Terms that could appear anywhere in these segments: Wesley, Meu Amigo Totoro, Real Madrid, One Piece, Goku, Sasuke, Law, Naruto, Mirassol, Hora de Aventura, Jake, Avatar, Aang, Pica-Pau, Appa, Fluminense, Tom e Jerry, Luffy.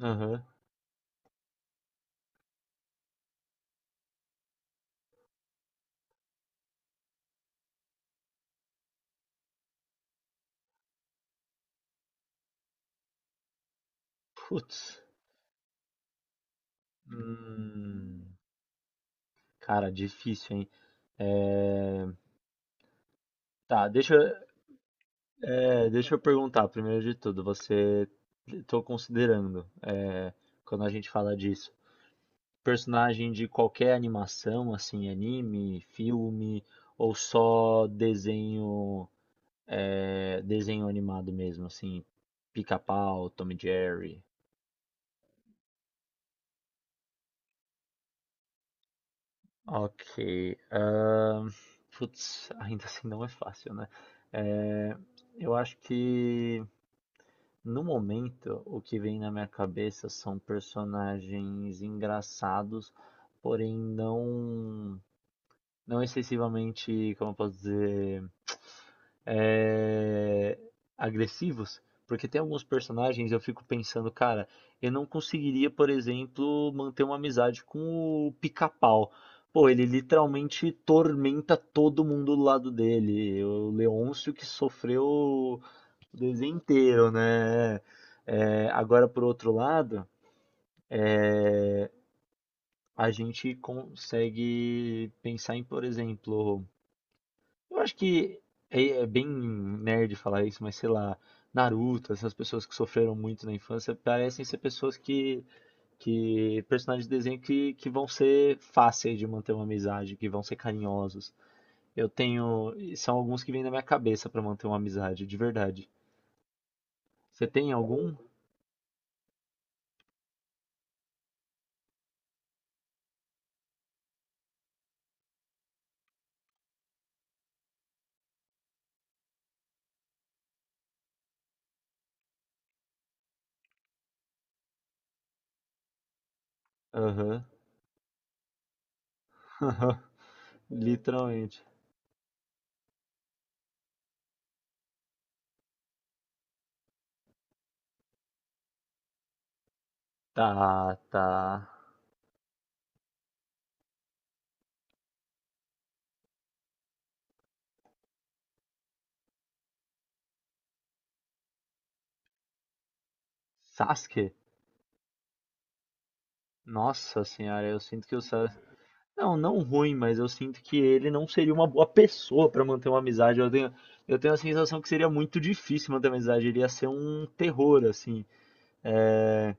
Aham. Putz. Hum. Cara, difícil, hein? É, Tá, deixa, eu- deixa eu perguntar, primeiro de tudo, você... Tô considerando, quando a gente fala disso, personagem de qualquer animação, assim, anime, filme, ou só desenho, desenho animado mesmo, assim, Pica-Pau, Tom e Jerry. Ok. ahn, Putz, ainda assim não é fácil, né? É, eu acho que no momento o que vem na minha cabeça são personagens engraçados, porém não, não excessivamente, como eu posso dizer é, agressivos, porque tem alguns personagens eu fico pensando, cara, eu não conseguiria, por exemplo, manter uma amizade com o Pica-Pau. Pô, ele literalmente tormenta todo mundo do lado dele. O Leôncio que sofreu o desenho inteiro, né? É, agora, por outro lado, a gente consegue pensar em, por exemplo, eu acho que é bem nerd falar isso, mas sei lá, Naruto, essas pessoas que sofreram muito na infância, parecem ser pessoas que personagens de desenho que vão ser fáceis de manter uma amizade, que vão ser carinhosos. Eu tenho, e são alguns que vêm na minha cabeça pra manter uma amizade, de verdade. Você tem algum? Aham. Literalmente. Tá, tá. Sasuke? Nossa senhora, eu sinto que o Sasuke. Não, não ruim, mas eu sinto que ele não seria uma boa pessoa pra manter uma amizade. Eu tenho a sensação que seria muito difícil manter uma amizade. Ele ia ser um terror, assim. É,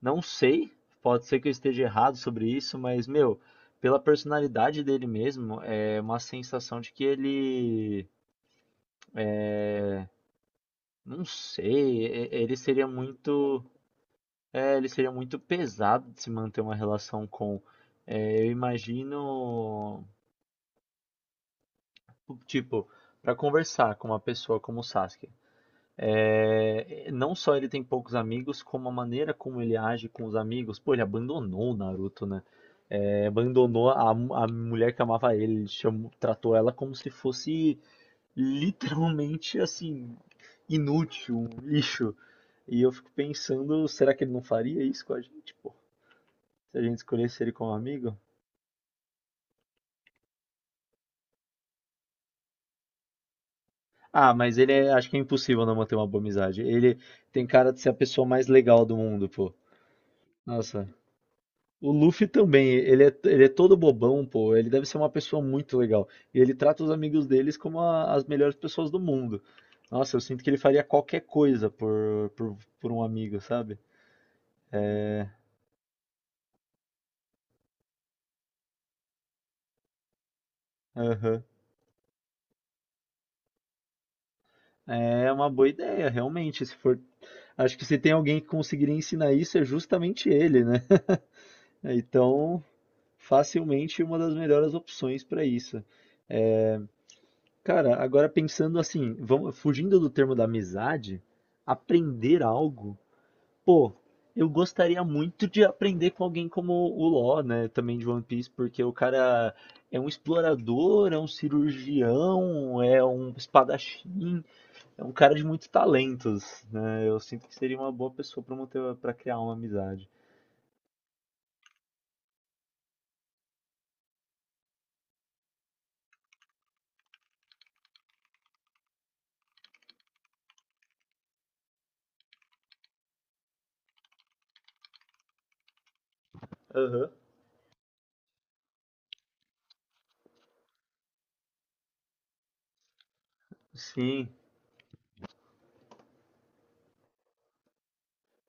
não sei, pode ser que eu esteja errado sobre isso, mas, meu, pela personalidade dele mesmo, é uma sensação de que ele. é, Não sei, ele seria muito, ele seria muito pesado de se manter uma relação com. É, eu imagino. Tipo, para conversar com uma pessoa como o Sasuke, é, não só ele tem poucos amigos, como a maneira como ele age com os amigos. Pô, ele abandonou o Naruto, né? Abandonou a mulher que amava ele, ele tratou ela como se fosse literalmente assim, inútil, um lixo. E eu fico pensando, será que ele não faria isso com a gente, pô? Se a gente escolhesse ele como amigo? Ah, mas ele é, acho que é impossível não manter uma boa amizade. Ele tem cara de ser a pessoa mais legal do mundo, pô. Nossa. O Luffy também, ele é todo bobão, pô. Ele deve ser uma pessoa muito legal. E ele trata os amigos deles como as melhores pessoas do mundo. Nossa, eu sinto que ele faria qualquer coisa por um amigo, sabe? Aham. É uma boa ideia, realmente. Se for, acho que se tem alguém que conseguiria ensinar isso, é justamente ele, né? Então, facilmente uma das melhores opções para isso. É, cara, agora pensando assim, vamos, fugindo do termo da amizade, aprender algo, pô, eu gostaria muito de aprender com alguém como o Law, né, também de One Piece, porque o cara é um explorador, é um cirurgião, é um espadachim, é um cara de muitos talentos, né? Eu sinto que seria uma boa pessoa para manter, para criar uma amizade. Aham. Sim,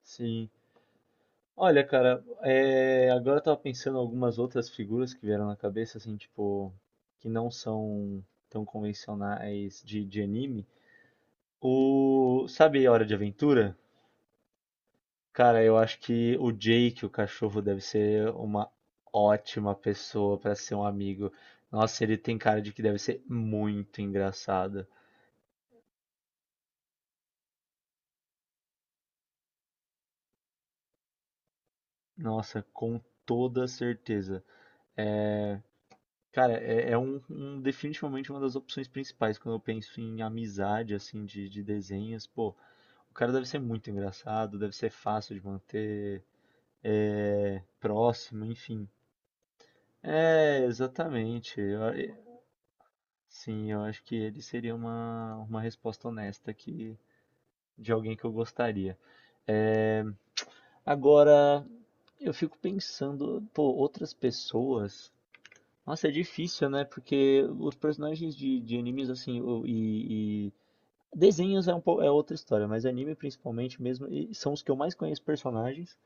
sim. Olha, cara, agora eu tava pensando em algumas outras figuras que vieram na cabeça, assim, tipo, que não são tão convencionais de anime. Sabe Hora de Aventura? Cara, eu acho que o Jake, o cachorro, deve ser uma ótima pessoa pra ser um amigo. Nossa, ele tem cara de que deve ser muito engraçado. Nossa, com toda certeza. É, Cara, definitivamente uma das opções principais quando eu penso em amizade, assim, de desenhos. Pô, o cara deve ser muito engraçado, deve ser fácil de manter, próximo, enfim. É, exatamente. Sim, eu acho que ele seria uma resposta honesta, que, de alguém que eu gostaria. É, agora, eu fico pensando, pô, outras pessoas. Nossa, é difícil, né? Porque os personagens de animes, assim, desenhos é, é outra história, mas anime principalmente mesmo, e são os que eu mais conheço personagens,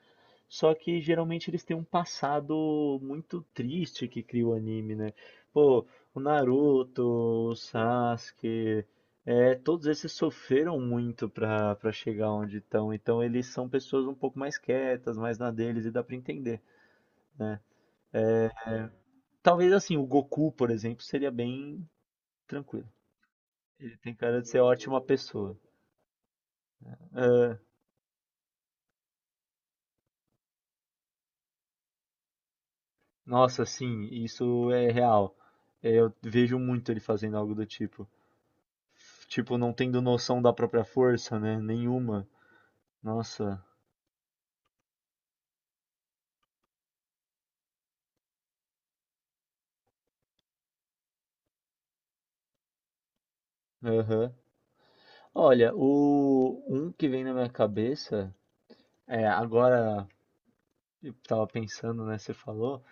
só que geralmente eles têm um passado muito triste que cria o anime, né? Pô, o Naruto, o Sasuke, é, todos esses sofreram muito pra chegar onde estão, então eles são pessoas um pouco mais quietas, mais na deles, e dá pra entender, né? Talvez assim, o Goku, por exemplo, seria bem tranquilo. Ele tem cara de ser ótima pessoa. Ah, nossa, sim, isso é real. É, eu vejo muito ele fazendo algo do tipo. Tipo, não tendo noção da própria força, né? Nenhuma. Nossa. Aham. Olha, o um que vem na minha cabeça é agora, eu tava pensando, né? Você falou.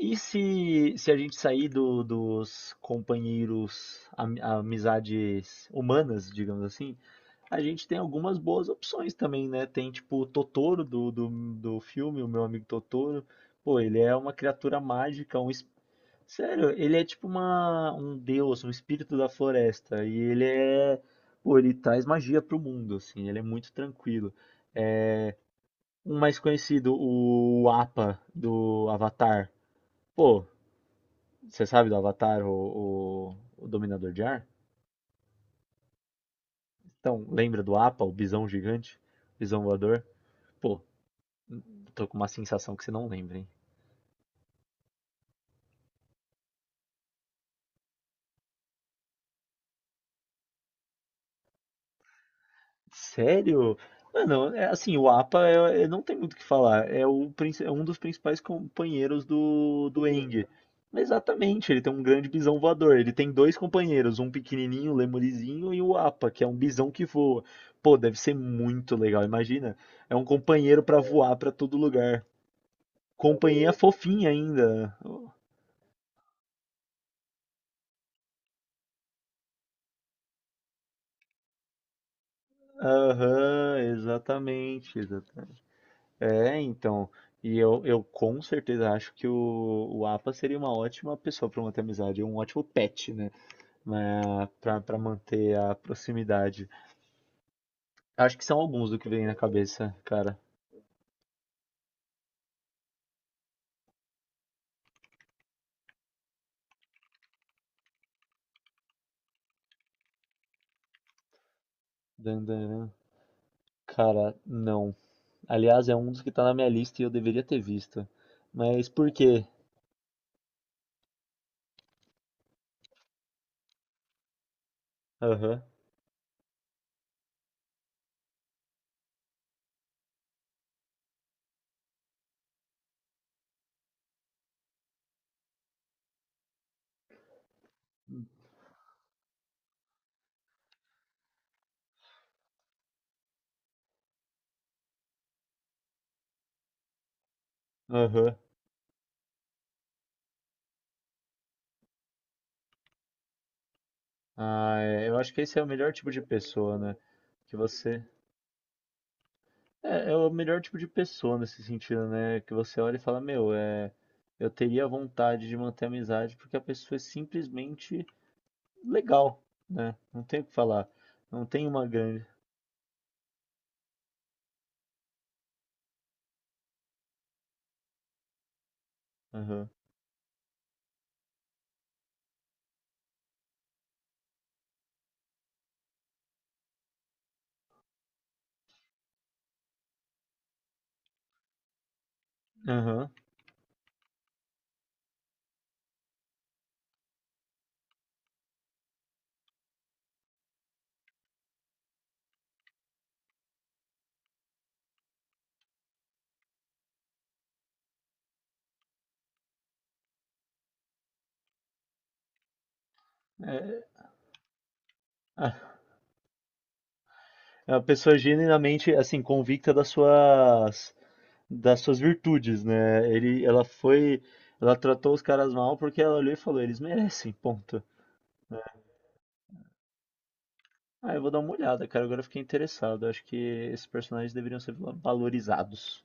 E se a gente sair dos companheiros, amizades humanas, digamos assim, a gente tem algumas boas opções também, né? Tem tipo o Totoro do filme, o meu amigo Totoro. Pô, ele é uma criatura mágica, sério, ele é tipo uma, um deus, um espírito da floresta. E ele é. Pô, ele traz magia pro mundo, assim, ele é muito tranquilo. É. Um mais conhecido, o Appa do Avatar. Pô, você sabe do Avatar, o Dominador de Ar? Então, lembra do Appa, o bisão gigante, bisão voador? Pô, tô com uma sensação que você não lembra, hein? Sério? Mano, é assim, o APA não tem muito o que falar. É, é um dos principais companheiros do Aang. Exatamente, ele tem um grande bisão voador. Ele tem dois companheiros, um pequenininho, um lemurizinho, e o APA, que é um bisão que voa. Pô, deve ser muito legal, imagina. É um companheiro pra voar pra todo lugar. Companhia fofinha ainda. Aham, exatamente, é, então. E eu com certeza acho que o Apa seria uma ótima pessoa para manter a amizade, um ótimo pet, né? Para manter a proximidade. Acho que são alguns do que vem na cabeça, cara. Dan, dan, dan. Cara, não. Aliás, é um dos que tá na minha lista e eu deveria ter visto. Mas por quê? Aham, aham. Ah, é, eu acho que esse é o melhor tipo de pessoa, né? Que você. É, é o melhor tipo de pessoa nesse sentido, né? Que você olha e fala, meu, é, eu teria vontade de manter a amizade porque a pessoa é simplesmente legal, né? Não tem o que falar. Não tem uma grande. Aham. Aham. É, a- é uma pessoa genuinamente, assim, convicta das suas virtudes, né? Ela foi, ela tratou os caras mal porque ela olhou e falou, eles merecem, ponto. Ah, eu vou dar uma olhada, cara. Agora eu fiquei interessado. Acho que esses personagens deveriam ser valorizados.